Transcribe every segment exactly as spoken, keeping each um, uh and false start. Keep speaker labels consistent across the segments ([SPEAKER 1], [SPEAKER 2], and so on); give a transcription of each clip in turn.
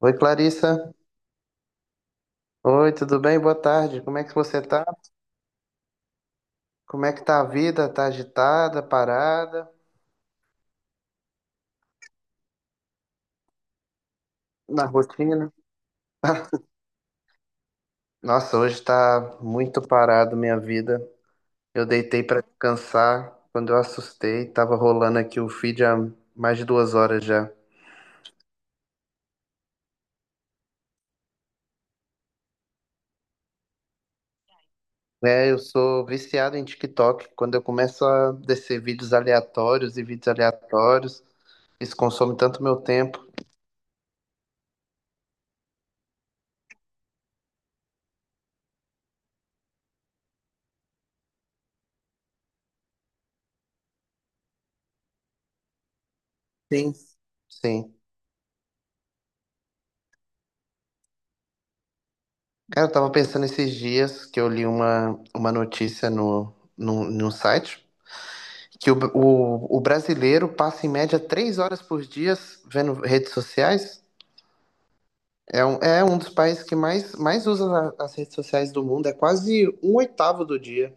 [SPEAKER 1] Oi, Clarissa. Oi, tudo bem? Boa tarde. Como é que você tá? Como é que tá a vida? Tá agitada, parada, na rotina? Nossa, hoje tá muito parado minha vida. Eu deitei pra descansar. Quando eu assustei, tava rolando aqui o feed há mais de duas horas já. É, eu sou viciado em TikTok. Quando eu começo a descer vídeos aleatórios e vídeos aleatórios, isso consome tanto meu tempo. Sim. Sim. Cara, eu tava pensando esses dias que eu li uma, uma notícia no, no, no site que o, o, o brasileiro passa em média três horas por dia vendo redes sociais. É um, é um dos países que mais, mais usa a- as redes sociais do mundo. É quase um oitavo do dia.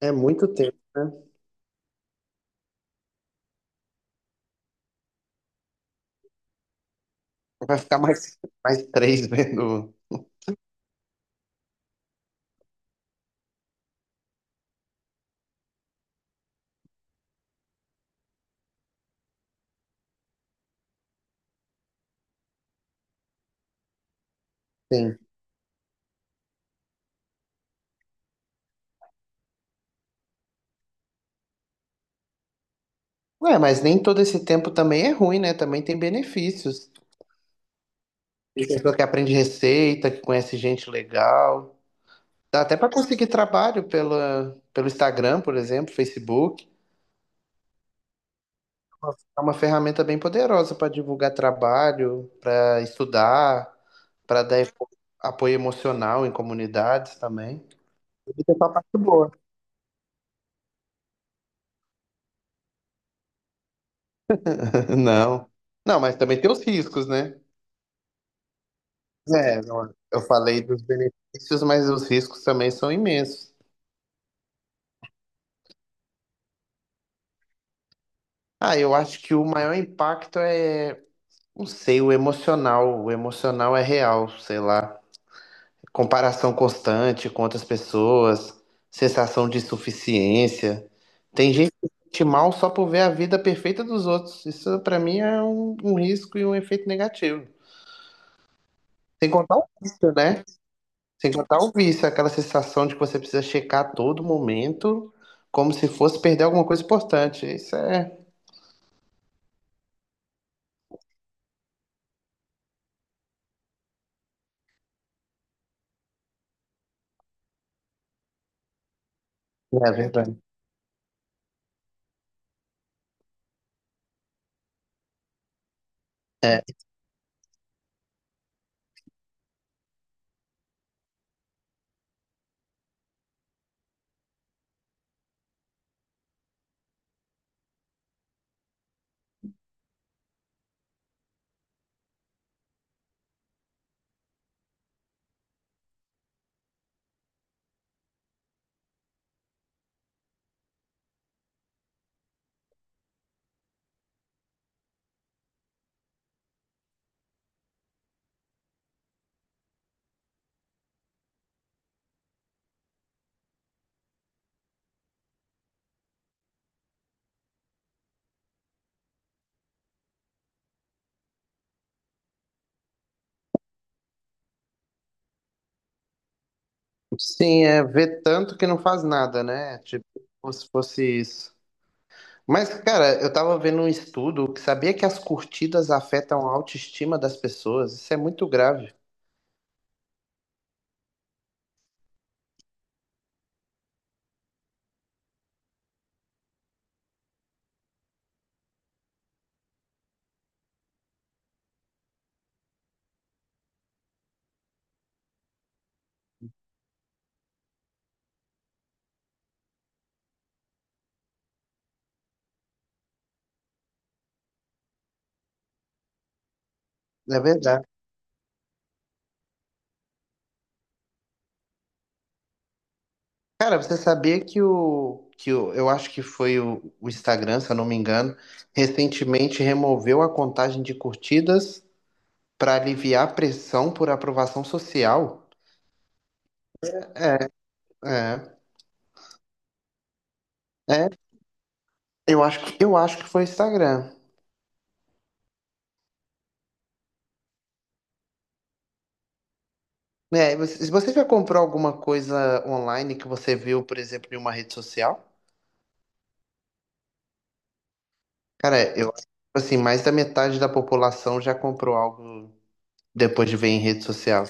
[SPEAKER 1] É muito tempo, né? Vai ficar mais, mais três vendo. Sim. Ué, mas nem todo esse tempo também é ruim, né? Também tem benefícios. Tem pessoa que aprende receita, que conhece gente legal. Dá até para conseguir trabalho pela, pelo Instagram, por exemplo, Facebook. É uma ferramenta bem poderosa para divulgar trabalho, para estudar, para dar apo- apoio emocional em comunidades também. Isso é só parte boa. Não. Não, mas também tem os riscos, né? É, não, eu falei dos benefícios, mas os riscos também são imensos. Ah, eu acho que o maior impacto é, não sei, o emocional. O emocional é real, sei lá. Comparação constante com outras pessoas, sensação de insuficiência. Tem gente que se sente mal só por ver a vida perfeita dos outros. Isso, pra mim, é um, um risco e um efeito negativo. Sem contar o vício, né? Sem contar o vício, aquela sensação de que você precisa checar a todo momento, como se fosse perder alguma coisa importante. Isso é. É verdade. É. Sim, é ver tanto que não faz nada, né? Tipo, como se fosse isso. Mas, cara, eu tava vendo um estudo que sabia que as curtidas afetam a autoestima das pessoas. Isso é muito grave. É verdade. Cara, você sabia que o, que o, eu acho que foi o, o Instagram, se eu não me engano, recentemente removeu a contagem de curtidas para aliviar a pressão por aprovação social? É, é, é. Eu acho que, eu acho que foi o Instagram. É, você- se você já comprou alguma coisa online que você viu, por exemplo, em uma rede social? Cara, eu acho que assim, mais da metade da população já comprou algo depois de ver em rede social.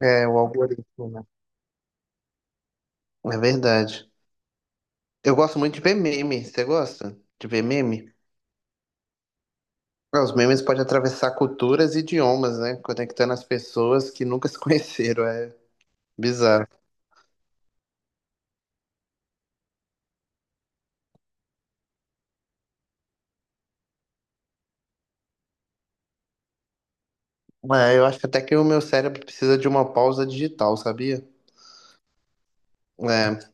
[SPEAKER 1] É, o algoritmo, né? É verdade. Eu gosto muito de ver meme. Você gosta de ver meme? Ah, os memes podem atravessar culturas e idiomas, né? Conectando as pessoas que nunca se conheceram. É bizarro. É, eu acho que até que o meu cérebro precisa de uma pausa digital, sabia? É.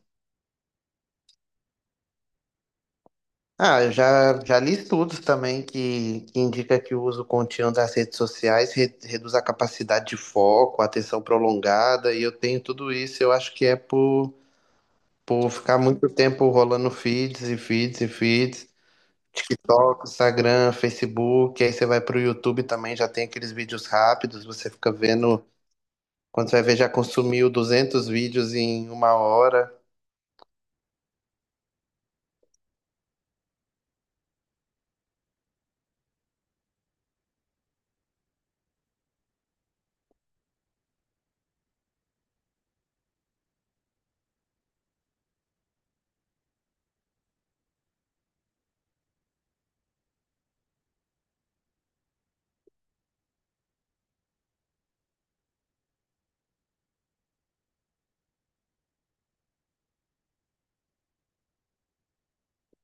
[SPEAKER 1] Ah, eu já, já li estudos também que, que indica que o uso contínuo das redes sociais re- reduz a capacidade de foco, a atenção prolongada, e eu tenho tudo isso, eu acho que é por, por ficar muito tempo rolando feeds e feeds e feeds, TikTok, Instagram, Facebook, aí você vai pro YouTube também, já tem aqueles vídeos rápidos, você fica vendo, quando você vai ver já consumiu duzentos vídeos em uma hora.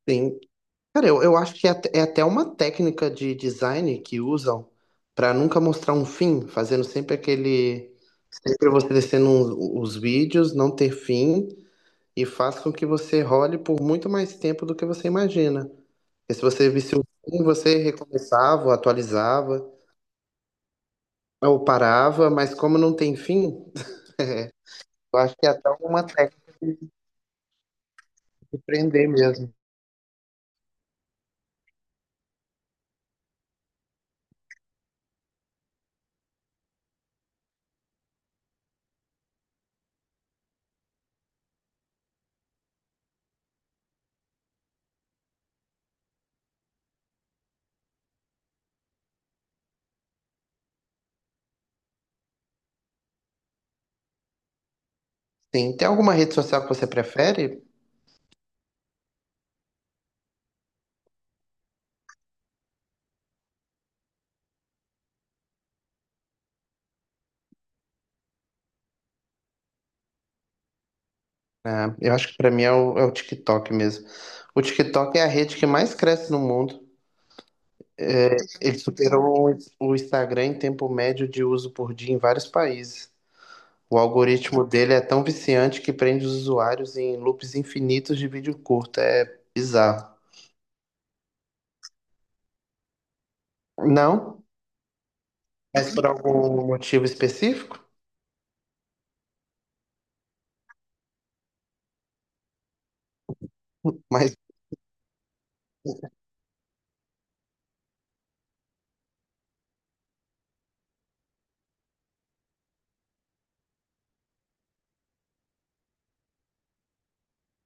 [SPEAKER 1] Sim, cara, eu, eu acho que é, at- é até uma técnica de design que usam pra nunca mostrar um fim, fazendo sempre aquele. Sempre você descendo os, os vídeos, não ter fim, e faz com que você role por muito mais tempo do que você imagina. Porque se você visse o fim, você recomeçava, atualizava, ou parava, mas como não tem fim, eu acho que é até uma técnica de de prender mesmo. Sim, tem alguma rede social que você prefere? Ah, eu acho que pra mim é o, é o TikTok mesmo. O TikTok é a rede que mais cresce no mundo. Ele superou o o Instagram em tempo médio de uso por dia em vários países. O algoritmo dele é tão viciante que prende os usuários em loops infinitos de vídeo curto. É bizarro. Não, mas por algum motivo específico? Mas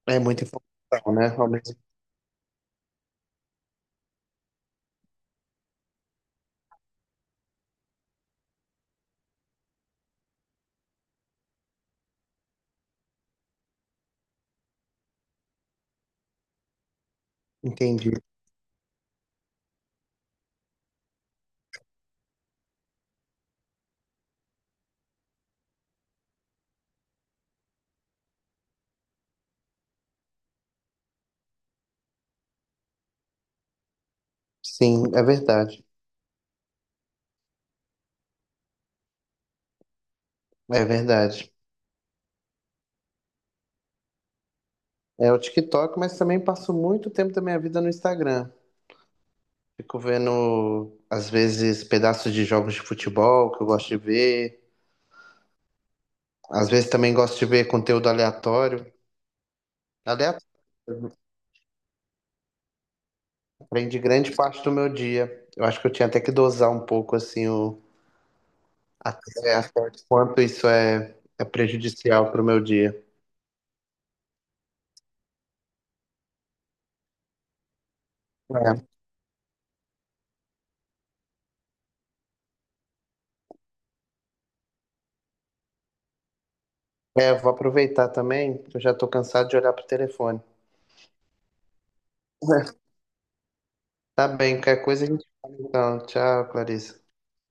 [SPEAKER 1] é muita informação, né? Ao mesmo- Entendi. Sim, é verdade. É verdade. É o TikTok, mas também passo muito tempo da minha vida no Instagram. Fico vendo, às vezes, pedaços de jogos de futebol que eu gosto de ver. Às vezes também gosto de ver conteúdo aleatório. Aleatório prende grande parte do meu dia. Eu acho que eu tinha até que dosar um pouco, assim, o, até, até quanto isso é, é prejudicial para o meu dia. É, é, vou aproveitar também, que eu já estou cansado de olhar pro telefone. Tá bem, qualquer coisa a gente fala então. Tchau, Clarissa.